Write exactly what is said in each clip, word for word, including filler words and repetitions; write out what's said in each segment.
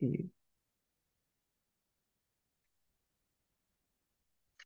E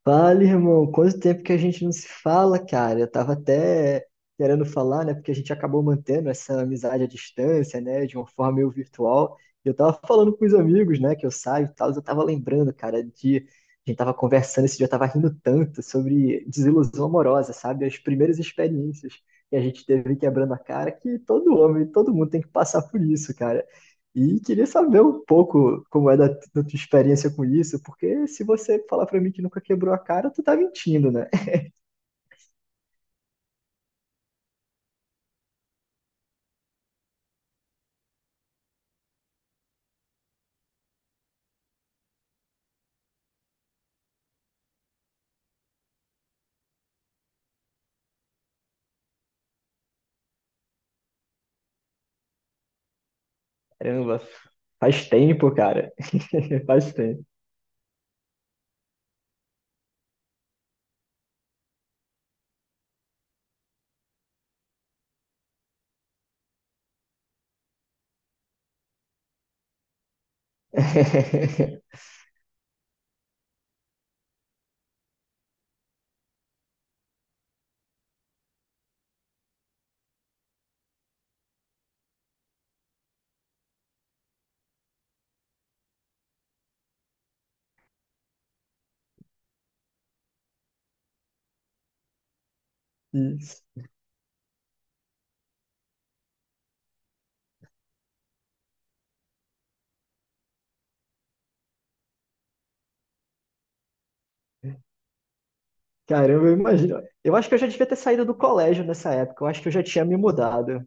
Fala, irmão, quanto tempo que a gente não se fala, cara? Eu tava até querendo falar, né? Porque a gente acabou mantendo essa amizade à distância, né? De uma forma meio virtual. E Eu tava falando com os amigos, né? Que eu saio e tal. Eu tava lembrando, cara, de. A gente tava conversando esse dia, eu tava rindo tanto sobre desilusão amorosa, sabe? As primeiras experiências que a gente teve quebrando a cara, que todo homem, todo mundo tem que passar por isso, cara. E queria saber um pouco como é da, da tua experiência com isso, porque se você falar pra mim que nunca quebrou a cara, tu tá mentindo, né? Caramba, faz tempo, cara. Faz tempo. Isso. Caramba, eu imagino. Eu acho que eu já devia ter saído do colégio nessa época. Eu acho que eu já tinha me mudado.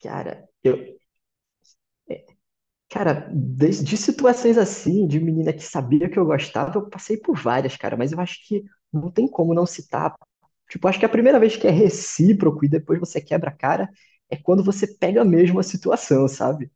Cara, eu, Cara, de, de situações assim, de menina que sabia que eu gostava, eu passei por várias, cara, mas eu acho que não tem como não citar. Tipo, acho que a primeira vez que é recíproco e depois você quebra a cara é quando você pega mesmo a situação, sabe?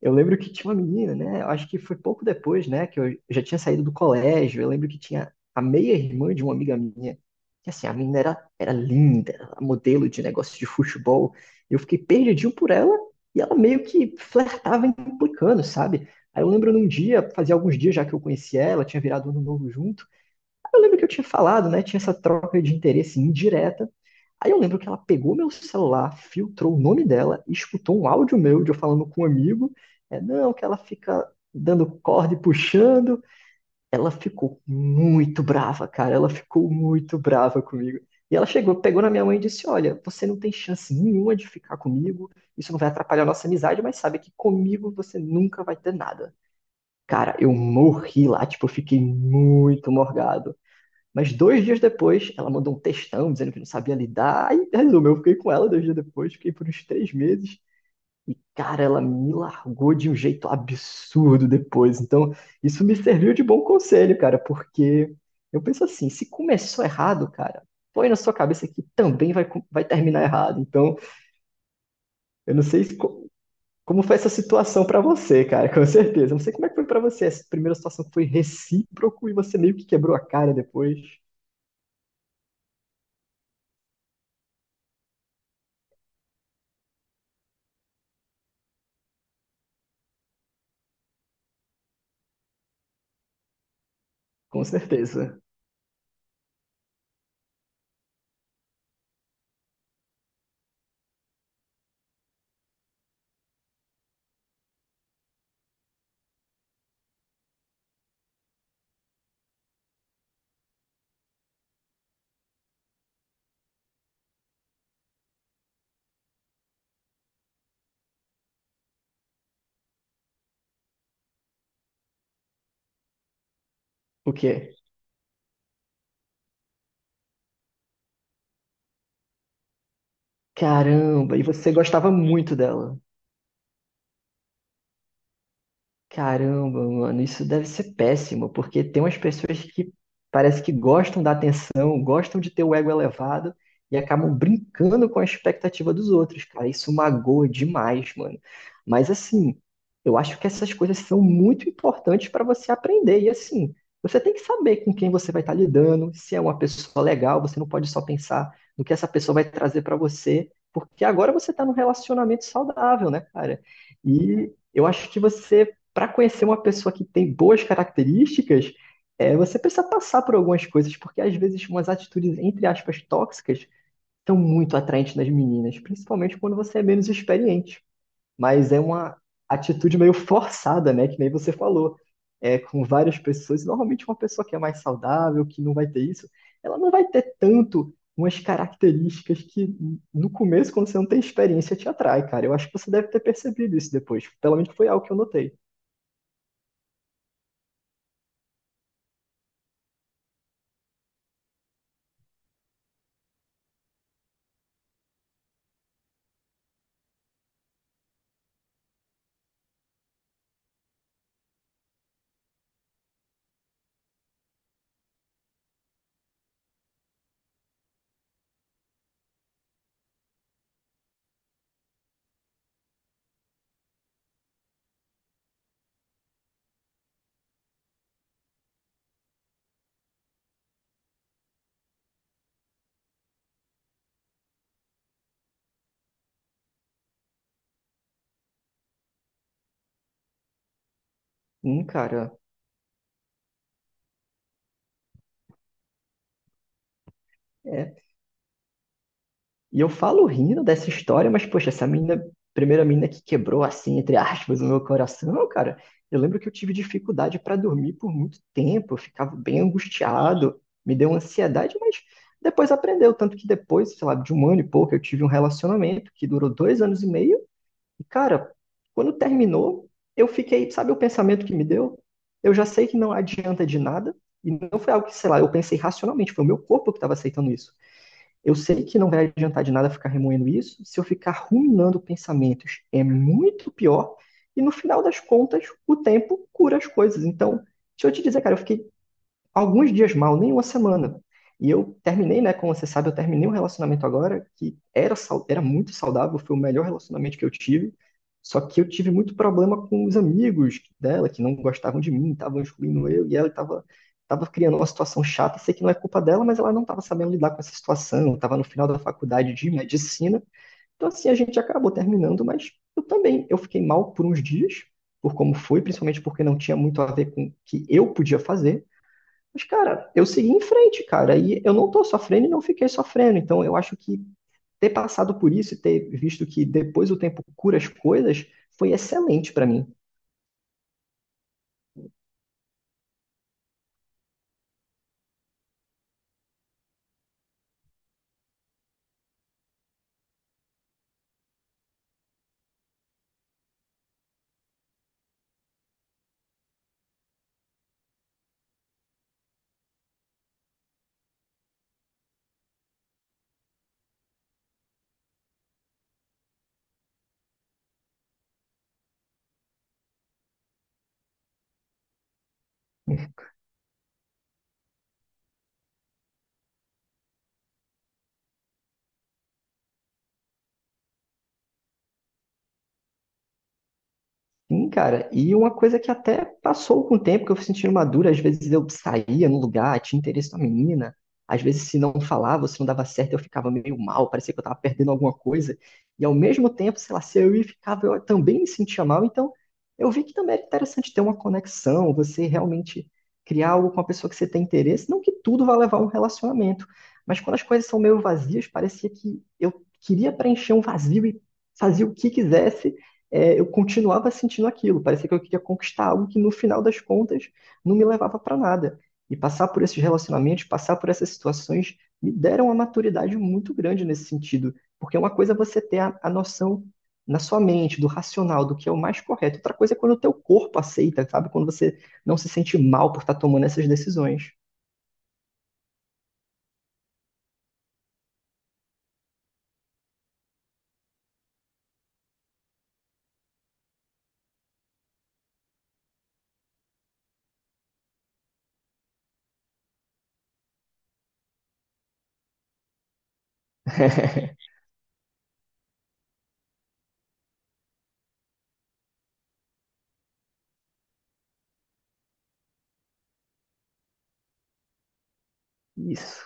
Eu lembro que tinha uma menina, né? eu Acho que foi pouco depois, né? Que eu já tinha saído do colégio. Eu lembro que tinha a meia-irmã de uma amiga minha. Que assim, a menina era, era linda, era modelo de negócio de futebol. Eu fiquei perdidinho por ela e ela meio que flertava implicando, sabe? Aí eu lembro num dia, fazia alguns dias já que eu conhecia ela, tinha virado ano novo junto. Eu lembro que eu tinha falado, né? Tinha essa troca de interesse indireta. Aí eu lembro que ela pegou meu celular, filtrou o nome dela e escutou um áudio meu de eu falando com um amigo. É, não, que ela fica dando corda e puxando. Ela ficou muito brava, cara. Ela ficou muito brava comigo. E ela chegou, pegou na minha mãe e disse: Olha, você não tem chance nenhuma de ficar comigo. Isso não vai atrapalhar a nossa amizade, mas sabe que comigo você nunca vai ter nada. Cara, eu morri lá, tipo, eu fiquei muito morgado. Mas dois dias depois, ela mandou um textão dizendo que não sabia lidar. E resumo, eu fiquei com ela dois dias depois, fiquei por uns três meses. Cara, ela me largou de um jeito absurdo depois. Então, isso me serviu de bom conselho, cara, porque eu penso assim: se começou errado, cara, põe na sua cabeça que também vai, co- vai terminar errado. Então, eu não sei se co- como foi essa situação pra você, cara, com certeza. Eu não sei como é que foi pra você. Essa primeira situação que foi recíproco e você meio que quebrou a cara depois, com certeza. O quê? Caramba, e você gostava muito dela. Caramba, mano, isso deve ser péssimo, porque tem umas pessoas que parece que gostam da atenção, gostam de ter o ego elevado e acabam brincando com a expectativa dos outros, cara. Isso magoa demais, mano. Mas assim, eu acho que essas coisas são muito importantes para você aprender. E assim, você tem que saber com quem você vai estar lidando, se é uma pessoa legal, você não pode só pensar no que essa pessoa vai trazer para você, porque agora você está num relacionamento saudável, né, cara? E eu acho que você para conhecer uma pessoa que tem boas características, é, você precisa passar por algumas coisas, porque às vezes umas atitudes, entre aspas, tóxicas são muito atraentes nas meninas, principalmente quando você é menos experiente. Mas é uma atitude meio forçada, né? Que nem você falou. É, com várias pessoas, normalmente uma pessoa que é mais saudável, que não vai ter isso, ela não vai ter tanto umas características que no começo, quando você não tem experiência, te atrai, cara. Eu acho que você deve ter percebido isso depois. Pelo menos foi algo que eu notei. Hum, cara, É. E eu falo rindo dessa história, mas, poxa, essa mina, primeira mina que quebrou, assim, entre aspas, o meu coração, cara, eu lembro que eu tive dificuldade para dormir por muito tempo, eu ficava bem angustiado, me deu ansiedade, mas depois aprendeu. Tanto que depois, sei lá, de um ano e pouco, eu tive um relacionamento que durou dois anos e meio, e, cara, quando terminou, eu fiquei, sabe o pensamento que me deu? Eu já sei que não adianta de nada, e não foi algo que, sei lá, eu pensei racionalmente, foi o meu corpo que estava aceitando isso. Eu sei que não vai adiantar de nada ficar remoendo isso. Se eu ficar ruminando pensamentos, é muito pior. E no final das contas, o tempo cura as coisas. Então, deixa eu te dizer, cara, eu fiquei alguns dias mal, nem uma semana. E eu terminei, né? Como você sabe, eu terminei um relacionamento agora que era, sau- era muito saudável, foi o melhor relacionamento que eu tive. Só que eu tive muito problema com os amigos dela, que não gostavam de mim, estavam excluindo eu, e ela estava estava criando uma situação chata. Sei que não é culpa dela, mas ela não estava sabendo lidar com essa situação, estava no final da faculdade de medicina. Então, assim, a gente acabou terminando, mas eu também, eu fiquei mal por uns dias, por como foi, principalmente porque não tinha muito a ver com o que eu podia fazer. Mas, cara, eu segui em frente, cara, e eu não tô sofrendo e não fiquei sofrendo. Então, eu acho que ter passado por isso e ter visto que depois o tempo cura as coisas foi excelente pra mim. Sim, cara, e uma coisa que até passou com o tempo, que eu fui sentindo madura, às vezes eu saía num lugar, tinha interesse na menina, às vezes se não falava, se não dava certo, eu ficava meio mal, parecia que eu tava perdendo alguma coisa, e ao mesmo tempo, sei lá, se eu ia e ficava, eu também me sentia mal, então eu vi que também era interessante ter uma conexão, você realmente criar algo com a pessoa que você tem interesse, não que tudo vá levar a um relacionamento, mas quando as coisas são meio vazias, parecia que eu queria preencher um vazio e fazia o que quisesse, é, eu continuava sentindo aquilo. Parecia que eu queria conquistar algo que no final das contas não me levava para nada. E passar por esses relacionamentos, passar por essas situações, me deram uma maturidade muito grande nesse sentido. Porque é uma coisa é você ter a, a noção na sua mente, do racional, do que é o mais correto. Outra coisa é quando o teu corpo aceita, sabe? Quando você não se sente mal por estar tomando essas decisões. Isso.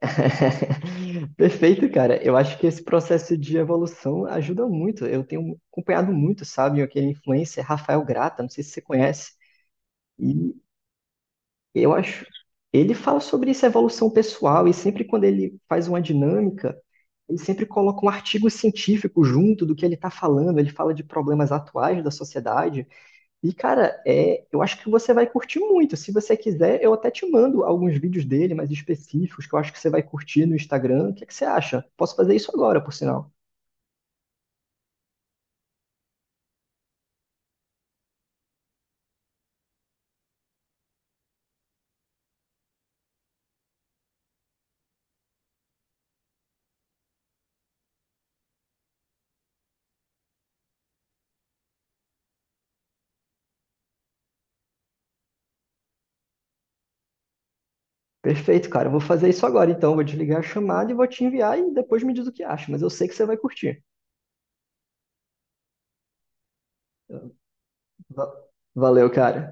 Perfeito, cara. Eu acho que esse processo de evolução ajuda muito. Eu tenho acompanhado muito, sabe, aquele influencer Rafael Grata, não sei se você conhece, e eu acho ele fala sobre essa evolução pessoal e sempre quando ele faz uma dinâmica, ele sempre coloca um artigo científico junto do que ele está falando. Ele fala de problemas atuais da sociedade. E, cara, é, eu acho que você vai curtir muito. Se você quiser, eu até te mando alguns vídeos dele mais específicos que eu acho que você vai curtir no Instagram. O que é que você acha? Posso fazer isso agora, por sinal. Perfeito, cara. Eu vou fazer isso agora, então. Vou desligar a chamada e vou te enviar e depois me diz o que acha. Mas eu sei que você vai curtir. Va- Valeu, cara.